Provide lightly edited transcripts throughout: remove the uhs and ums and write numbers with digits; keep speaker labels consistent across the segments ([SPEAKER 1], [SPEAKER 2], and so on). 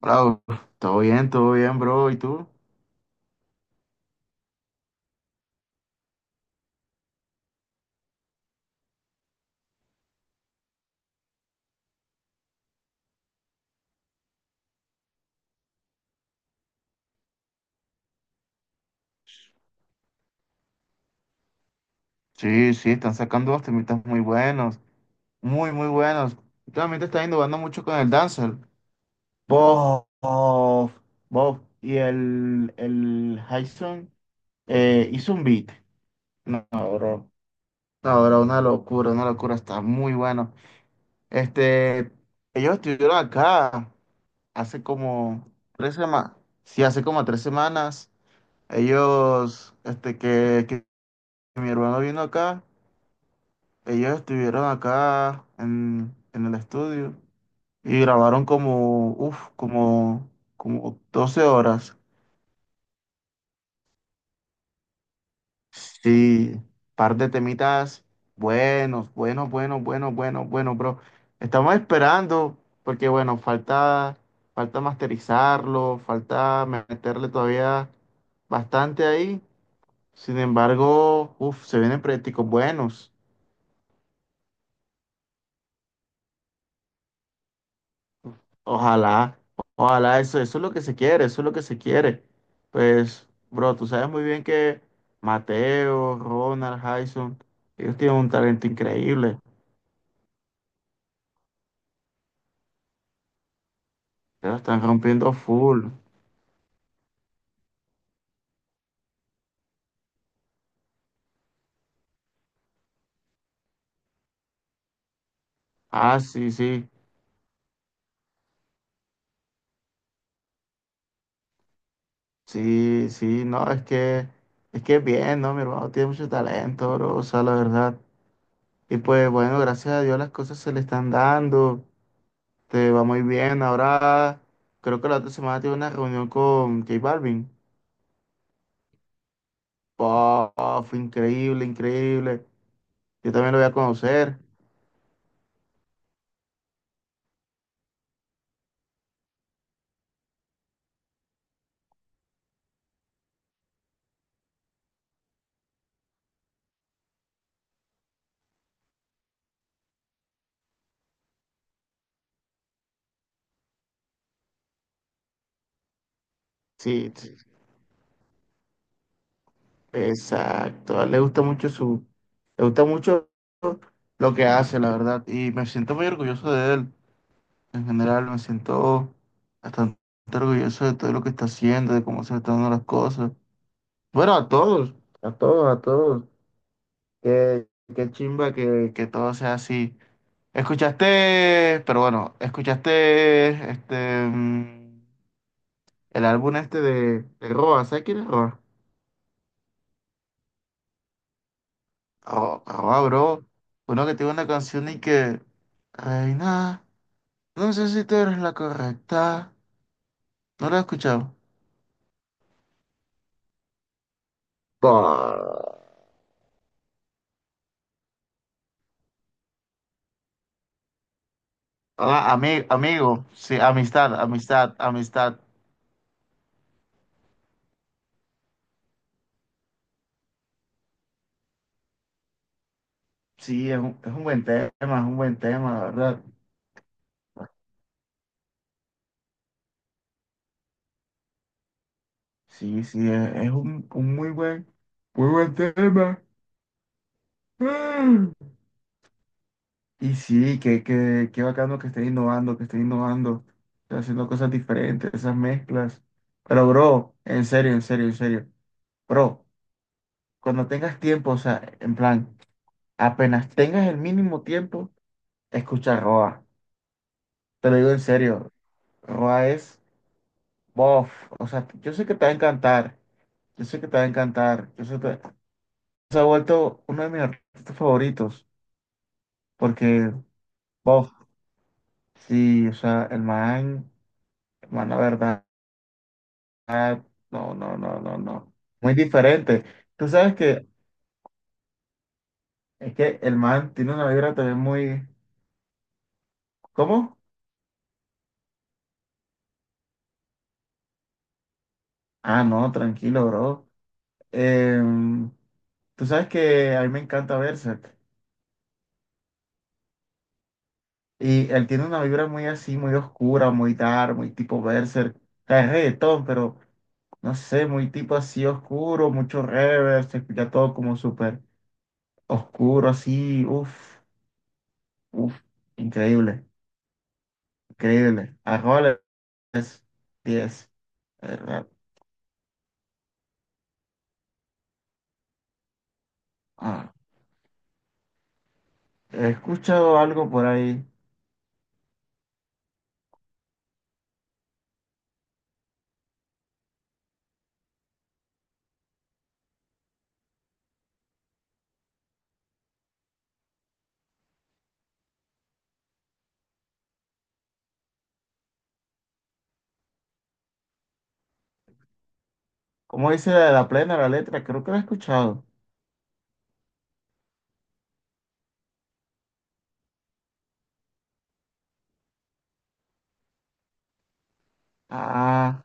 [SPEAKER 1] Bravo, todo bien, bro. ¿Y tú? Sí, sí, están sacando unos temitas muy buenos, muy, muy buenos. Últimamente está innovando mucho con el Dancer. Bof, bof. Y el Hyson hizo un beat. No, bro. No, bro, una locura, una locura. Está muy bueno. Este, ellos estuvieron acá hace como 3 semanas. Sí, hace como 3 semanas. Ellos, este, que mi hermano vino acá. Ellos estuvieron acá en el estudio y grabaron como, uf, como, como 12 horas. Sí, par de temitas buenos, buenos, buenos, buenos, buenos, buenos, bro. Estamos esperando porque, bueno, falta, falta masterizarlo, falta meterle todavía bastante ahí. Sin embargo, uf, se vienen proyectos buenos. Ojalá, ojalá, eso es lo que se quiere, eso es lo que se quiere. Pues, bro, tú sabes muy bien que Mateo, Ronald, Jason, ellos tienen un talento increíble, pero están rompiendo full. Ah, sí, sí, sí, sí, no, es que bien, ¿no? Mi hermano tiene mucho talento, bro, o sea, la verdad. Y pues, bueno, gracias a Dios las cosas se le están dando, te va muy bien. Ahora, creo que la otra semana tiene una reunión con J Balvin. Puf, increíble, increíble. Yo también lo voy a conocer. Sí, sí, exacto. A él le gusta mucho su, le gusta mucho lo que hace, la verdad. Y me siento muy orgulloso de él. En general, me siento bastante orgulloso de todo lo que está haciendo, de cómo se le están dando las cosas. Bueno, a todos, a todos, a todos. Qué, qué chimba que todo sea así. Escuchaste, pero bueno, escuchaste este. El álbum este de Roa, ¿sabes quién es Roa? Roa, bro. Uno que tiene una canción y que... Reina, no no sé si tú eres la correcta. ¿No lo he escuchado? Bah. Ah, amigo, sí, amistad, amistad, amistad. Sí, es un buen tema, es un buen tema, la verdad. Sí, sí, es un muy buen tema. Y sí, que, qué bacano que estén innovando, que estén innovando, que haciendo cosas diferentes, esas mezclas. Pero, bro, en serio, en serio, en serio. Bro, cuando tengas tiempo, o sea, en plan, apenas tengas el mínimo tiempo, escucha Roa. Te lo digo en serio, Roa es bof. O sea, yo sé que te va a encantar, yo sé que te va a encantar. Yo sé que te- Se ha vuelto uno de mis artistas favoritos, porque bof, sí, o sea, el man, la verdad. Ah, no, no, no, no, no. Muy diferente. Tú sabes que es que el man tiene una vibra también muy... ¿Cómo? Ah, no, tranquilo, bro. Em, tú sabes que a mí me encanta Berserk. Y él tiene una vibra muy así, muy oscura, muy dark, muy tipo Berserk. O sea, es reggaetón, pero no sé, muy tipo así oscuro, mucho reverb, se escucha todo como súper oscuro, así, uff, uff, increíble, increíble. Arroles, 10 Eh, eh, ah, he escuchado algo por ahí. ¿Cómo dice la, la plena, la letra? Creo que la he escuchado. Ah,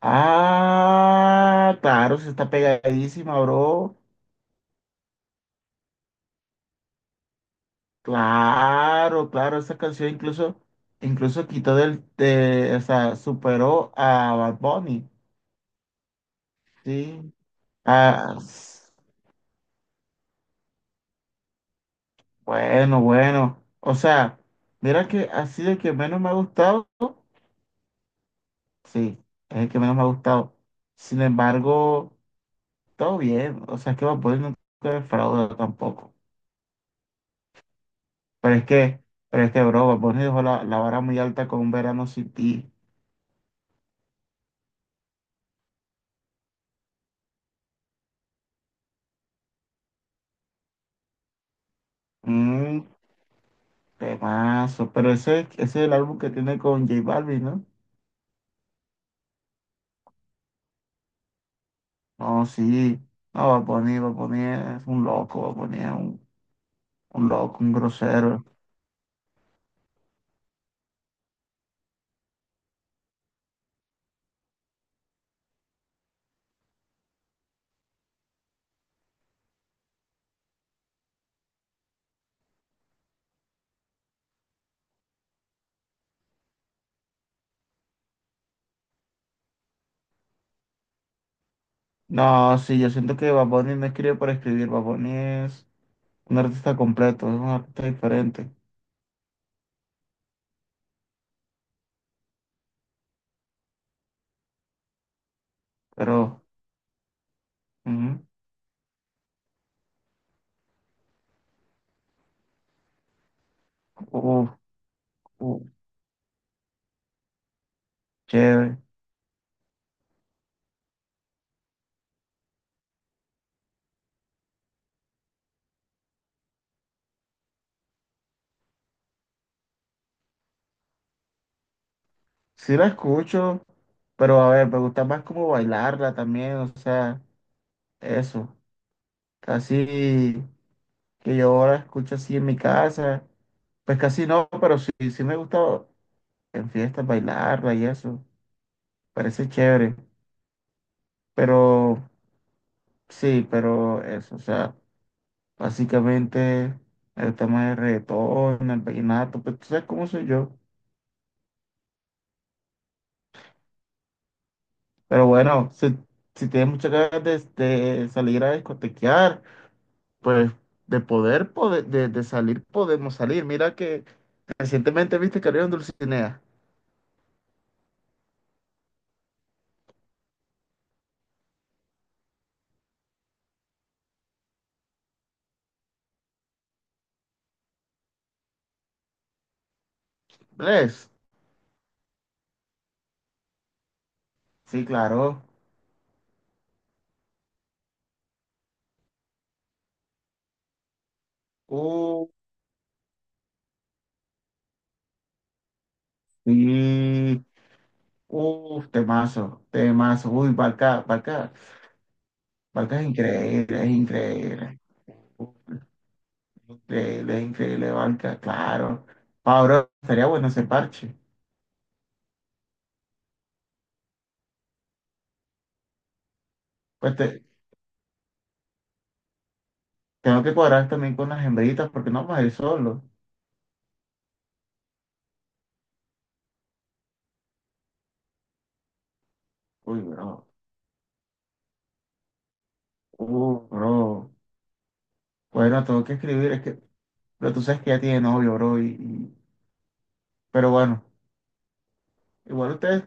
[SPEAKER 1] claro, se está pegadísima, bro. Claro, claro, esa canción incluso, incluso o sea, superó a Bad Bunny. Sí. Ah, s- bueno, bueno. O sea, mira que así el que menos me ha gustado, sí, es el que menos me ha gustado. Sin embargo. Todo bien, o sea, es que Bad Bunny nunca defrauda tampoco. Pero es que, pero es que, bro, Bad Bunny dejó la vara muy alta con Un Verano Sin Ti. Un temazo. Pero ese es el álbum que tiene con J Balvin, ¿no? No, sí. No, Bad Bunny, Bad Bunny es un loco, Bad Bunny es un loco, un grosero. No, sí, yo siento que Bad Bunny no escribe para escribir. Bad Bunny es un artista completo, es un artista diferente. Pero, uff, uff, sí la escucho, pero a ver, me gusta más como bailarla también, o sea, eso. Casi que yo ahora escucho así en mi casa. Pues casi no, pero sí, sí me gusta en fiestas bailarla y eso. Parece chévere. Pero sí, pero eso, o sea, básicamente el tema más el reggaetón, el vallenato, pues tú sabes cómo soy yo. Pero bueno, si, si tienes muchas ganas de salir a discotequear. Pues de salir, podemos salir. Mira que recientemente viste que abrieron Dulcinea. ¿Ves? Sí, claro. Uh, sí. Temazo, temazo. Uy, Barca, Barca, Barca es increíble, es increíble. Uh, increíble, es increíble, Barca, claro. Ahora estaría bueno ese parche. Pues te- tengo que cuadrar también con las hembritas porque no vamos a ir solo. Uy, bro. Bro. Bueno, tengo que escribir, es que pero tú sabes que ya tiene novio, bro. Pero bueno, igual ustedes.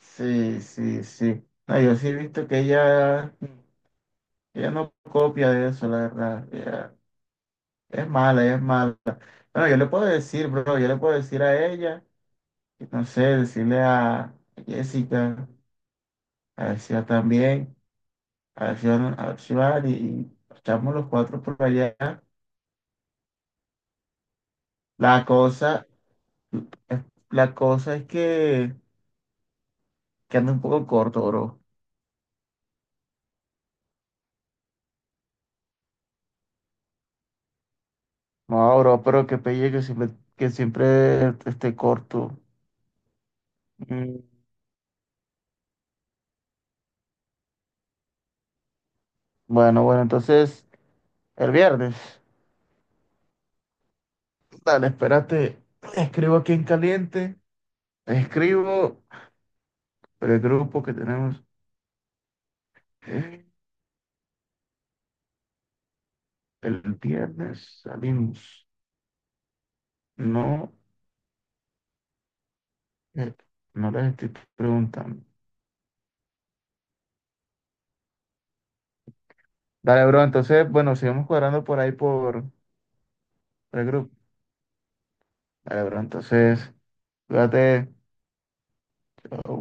[SPEAKER 1] Sí, sí, sí. No, yo sí he visto que ella no copia de eso, la verdad. Ella es mala, ella es mala. Bueno, yo le puedo decir, bro, yo le puedo decir a ella, y no sé, decirle a Jessica, a ver si va también, a ver si van, a ver si van, y echamos los cuatro por allá. La cosa, la cosa es que anda un poco corto, bro. No, bro, pero qué pelle que siempre esté corto. Mm. Bueno, bueno, entonces el viernes. Dale, espérate. Escribo aquí en caliente. Escribo pero el grupo que tenemos. eh, El viernes salimos. No, eh, no les estoy preguntando. Dale, bro, entonces, bueno, seguimos cuadrando por ahí por el grupo. Dale, bro, entonces, cuídate. Chau.